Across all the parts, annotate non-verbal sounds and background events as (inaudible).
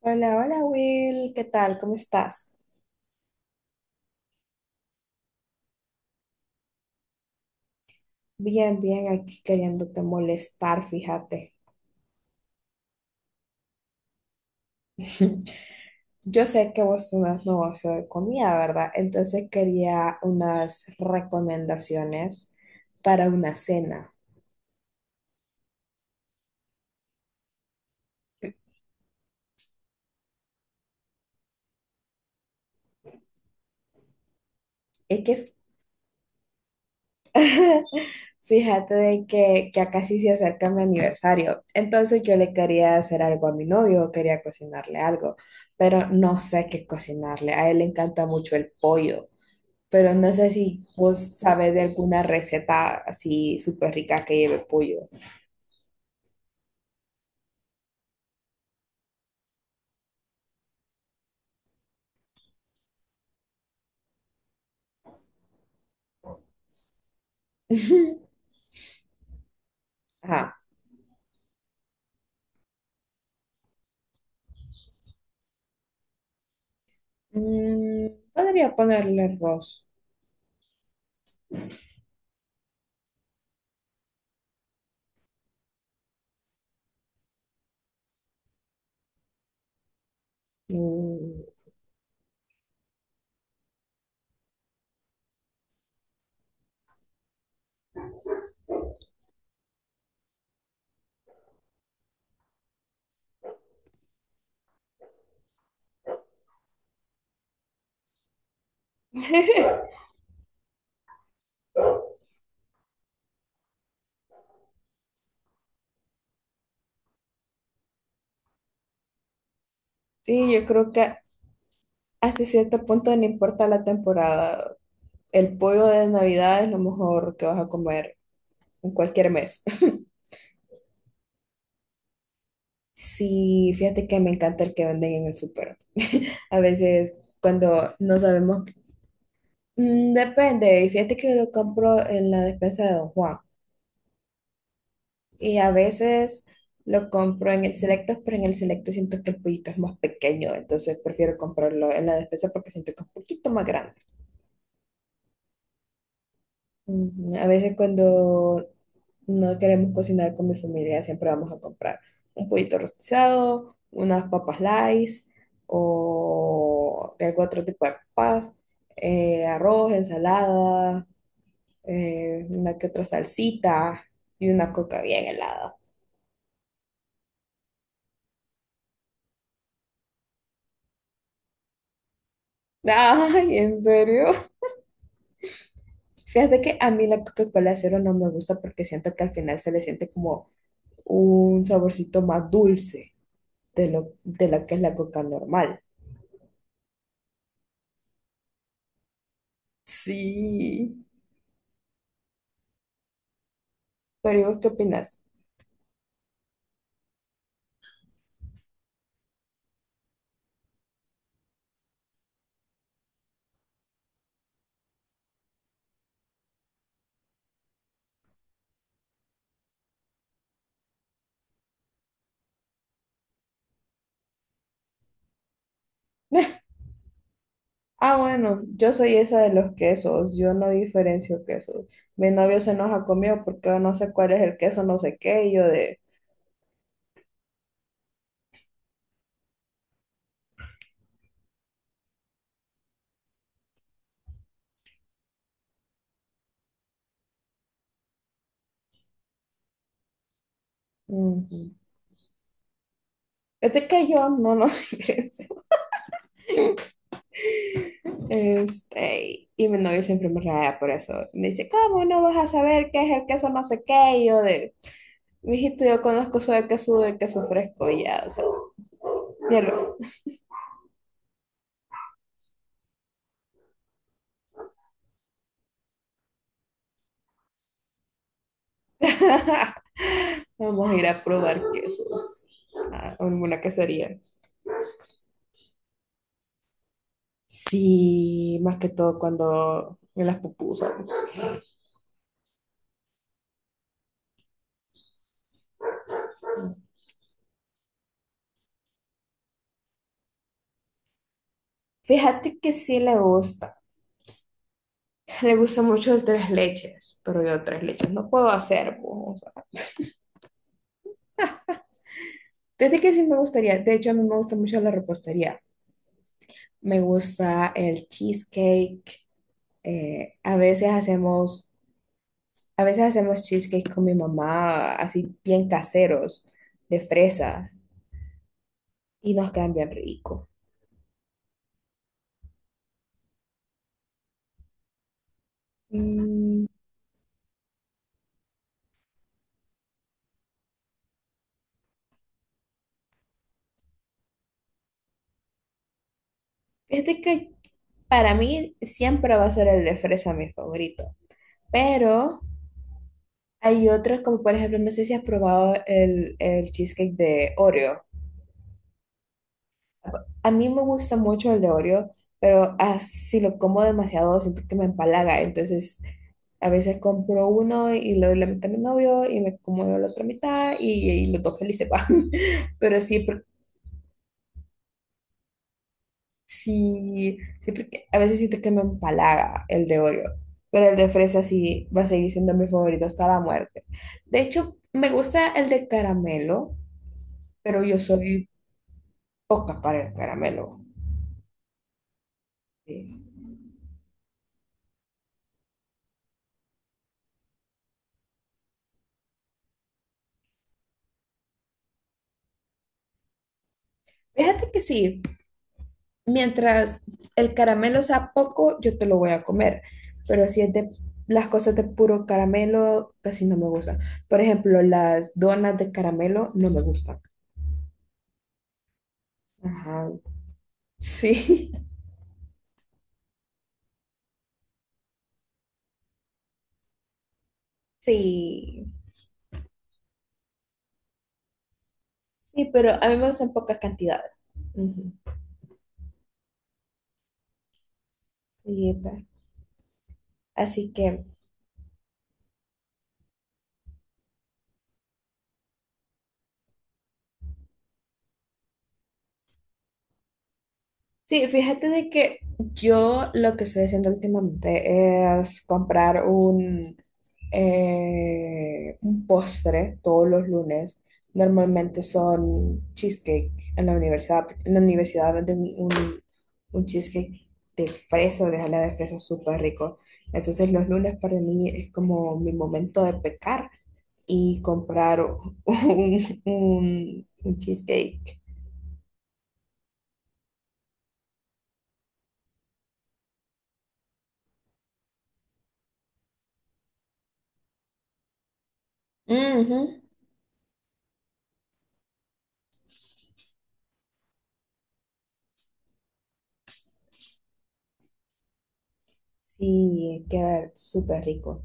Hola, hola Will, ¿qué tal? ¿Cómo estás? Bien, bien, aquí queriéndote molestar, fíjate. (laughs) Yo sé que vos tenés negocio de comida, ¿verdad? Entonces quería unas recomendaciones para una cena. Es que (laughs) fíjate de que ya casi se acerca mi aniversario, entonces yo le quería hacer algo a mi novio, quería cocinarle algo, pero no sé qué cocinarle. A él le encanta mucho el pollo. Pero no sé si vos sabes de alguna receta así súper rica que lleve pollo. (laughs) Ajá. Mm, podría ponerle arroz. Mm, sí, yo creo que hasta cierto punto no importa la temporada. El pollo de Navidad es lo mejor que vas a comer en cualquier mes. (laughs) Sí, fíjate que me encanta el que venden en el súper. (laughs) A veces cuando no sabemos, mm, depende. Y fíjate que lo compro en la despensa de Don Juan. Y a veces lo compro en el Selecto, pero en el Selecto siento que el pollito es más pequeño, entonces prefiero comprarlo en la despensa porque siento que es un poquito más grande. Ujú. A veces cuando no queremos cocinar con mi familia, siempre vamos a comprar un pollito rostizado, unas papas Lays o de algún otro tipo de papas, arroz, ensalada, una que otra salsita y una coca bien helada. (laughs) Ay, ¿en serio? Fíjate que a mí la Coca-Cola cero no me gusta porque siento que al final se le siente como un saborcito más dulce de de la que es la Coca normal. Sí. Pero ¿y vos qué opinas? (laughs) Ah, bueno, yo soy esa de los quesos, yo no diferencio quesos. Mi novio se enoja conmigo porque yo no sé cuál es el queso, no sé qué, y yo de... "Ujú". Es que yo no nos (laughs) diferencio. Este, y mi novio siempre me raya por eso. Me dice, ¿cómo no vas a saber qué es el queso no sé qué? Y yo de, mijito, yo conozco solo el queso duro, el queso fresco y ya, o sea, mierda. (laughs) Vamos a ir a probar quesos a alguna quesería. Sí, más que todo cuando en las pupusas. Fíjate que sí le gusta. Le gusta mucho el tres leches, pero yo tres leches no puedo hacer. Po, o sea. Fíjate que sí me gustaría. De hecho, a mí me gusta mucho la repostería. Me gusta el cheesecake. eh, a veces hacemos, a veces hacemos cheesecake con mi mamá, así bien caseros, de fresa, y nos quedan bien rico. Mm, fíjate que para mí siempre va a ser el de fresa mi favorito, pero hay otros como por ejemplo, no sé si has probado el cheesecake de Oreo. A mí me gusta mucho el de Oreo, pero así si lo como demasiado siento que me empalaga, entonces... A veces compro uno y le doy la mitad a mi novio y me como yo la otra mitad y los dos felices van. (laughs) Pero sí, sí, sí, porque a veces siento que me empalaga el de Oreo. Pero el de fresa sí va a seguir siendo mi favorito hasta la muerte. De hecho, me gusta el de caramelo, pero yo soy poca para el caramelo. Sí. Fíjate que sí. Mientras el caramelo sea poco, yo te lo voy a comer. Pero si es de las cosas de puro caramelo, casi no me gustan. Por ejemplo, las donas de caramelo no me gustan. Ajá. Sí. (laughs) Sí. Sí, pero a mí me gustan pocas cantidades. Ujú. Sí, pa. Así que sí, fíjate de que yo lo que estoy haciendo últimamente es comprar un postre todos los lunes. Normalmente son cheesecake en la universidad. En la universidad venden un cheesecake de fresa, de jalea de fresa súper rico. Entonces los lunes para mí es como mi momento de pecar y comprar (laughs) un cheesecake. Ujú. Sí, queda súper rico.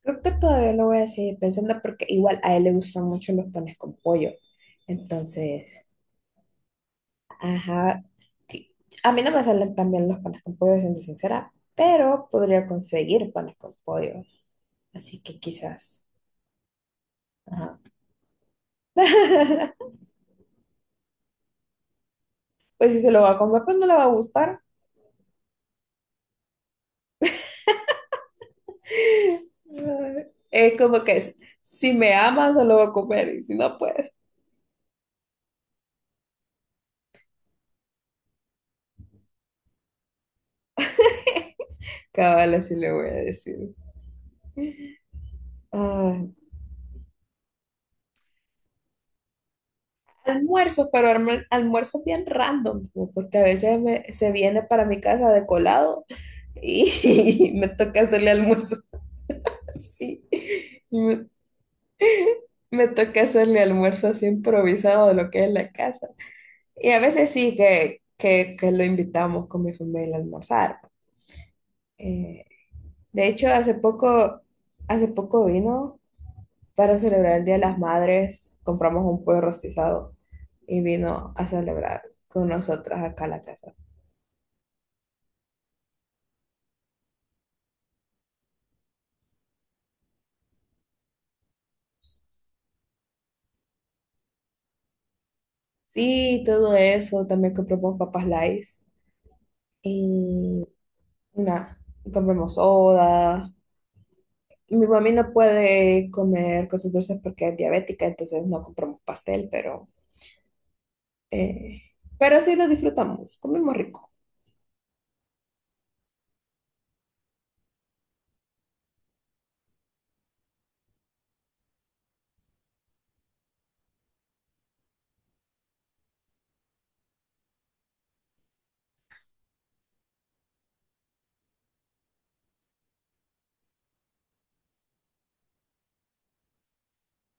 Creo que todavía lo voy a seguir pensando porque igual a él le gustan mucho los panes con pollo. Entonces, ajá. Que- A mí no me salen tan bien los panes con pollo, siendo sincera, pero podría conseguir panes con pollo. Así que quizás. Ajá. (laughs) Pues si se lo va a comer, pues no le va a gustar. Es como que es, si me ama, se lo va a comer y si no, pues cabal, así le voy a decir. Almuerzos, pero almuerzos bien random, como porque a veces se viene para mi casa de colado y (laughs) me toca hacerle almuerzo así. Me, me toca hacerle almuerzo así improvisado de lo que es la casa. Y a veces sí que lo invitamos con mi familia a almorzar. Eh, de hecho, hace poco vino para celebrar el Día de las Madres, compramos un pollo rostizado y vino a celebrar con nosotras acá a la casa. Sí, todo eso. También compramos papas Lays. Y nada, compramos soda. Mi mami no puede comer cosas dulces porque es diabética, entonces no compramos pastel, eh, pero sí lo disfrutamos. Comemos rico.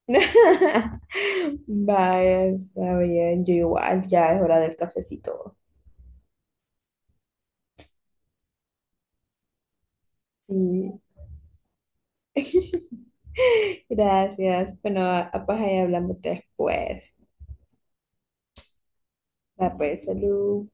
(laughs) Vaya, está bien. Yo igual, ya es hora del cafecito. Sí, gracias. Bueno, pues ahí hablamos después. Va, pues, salud.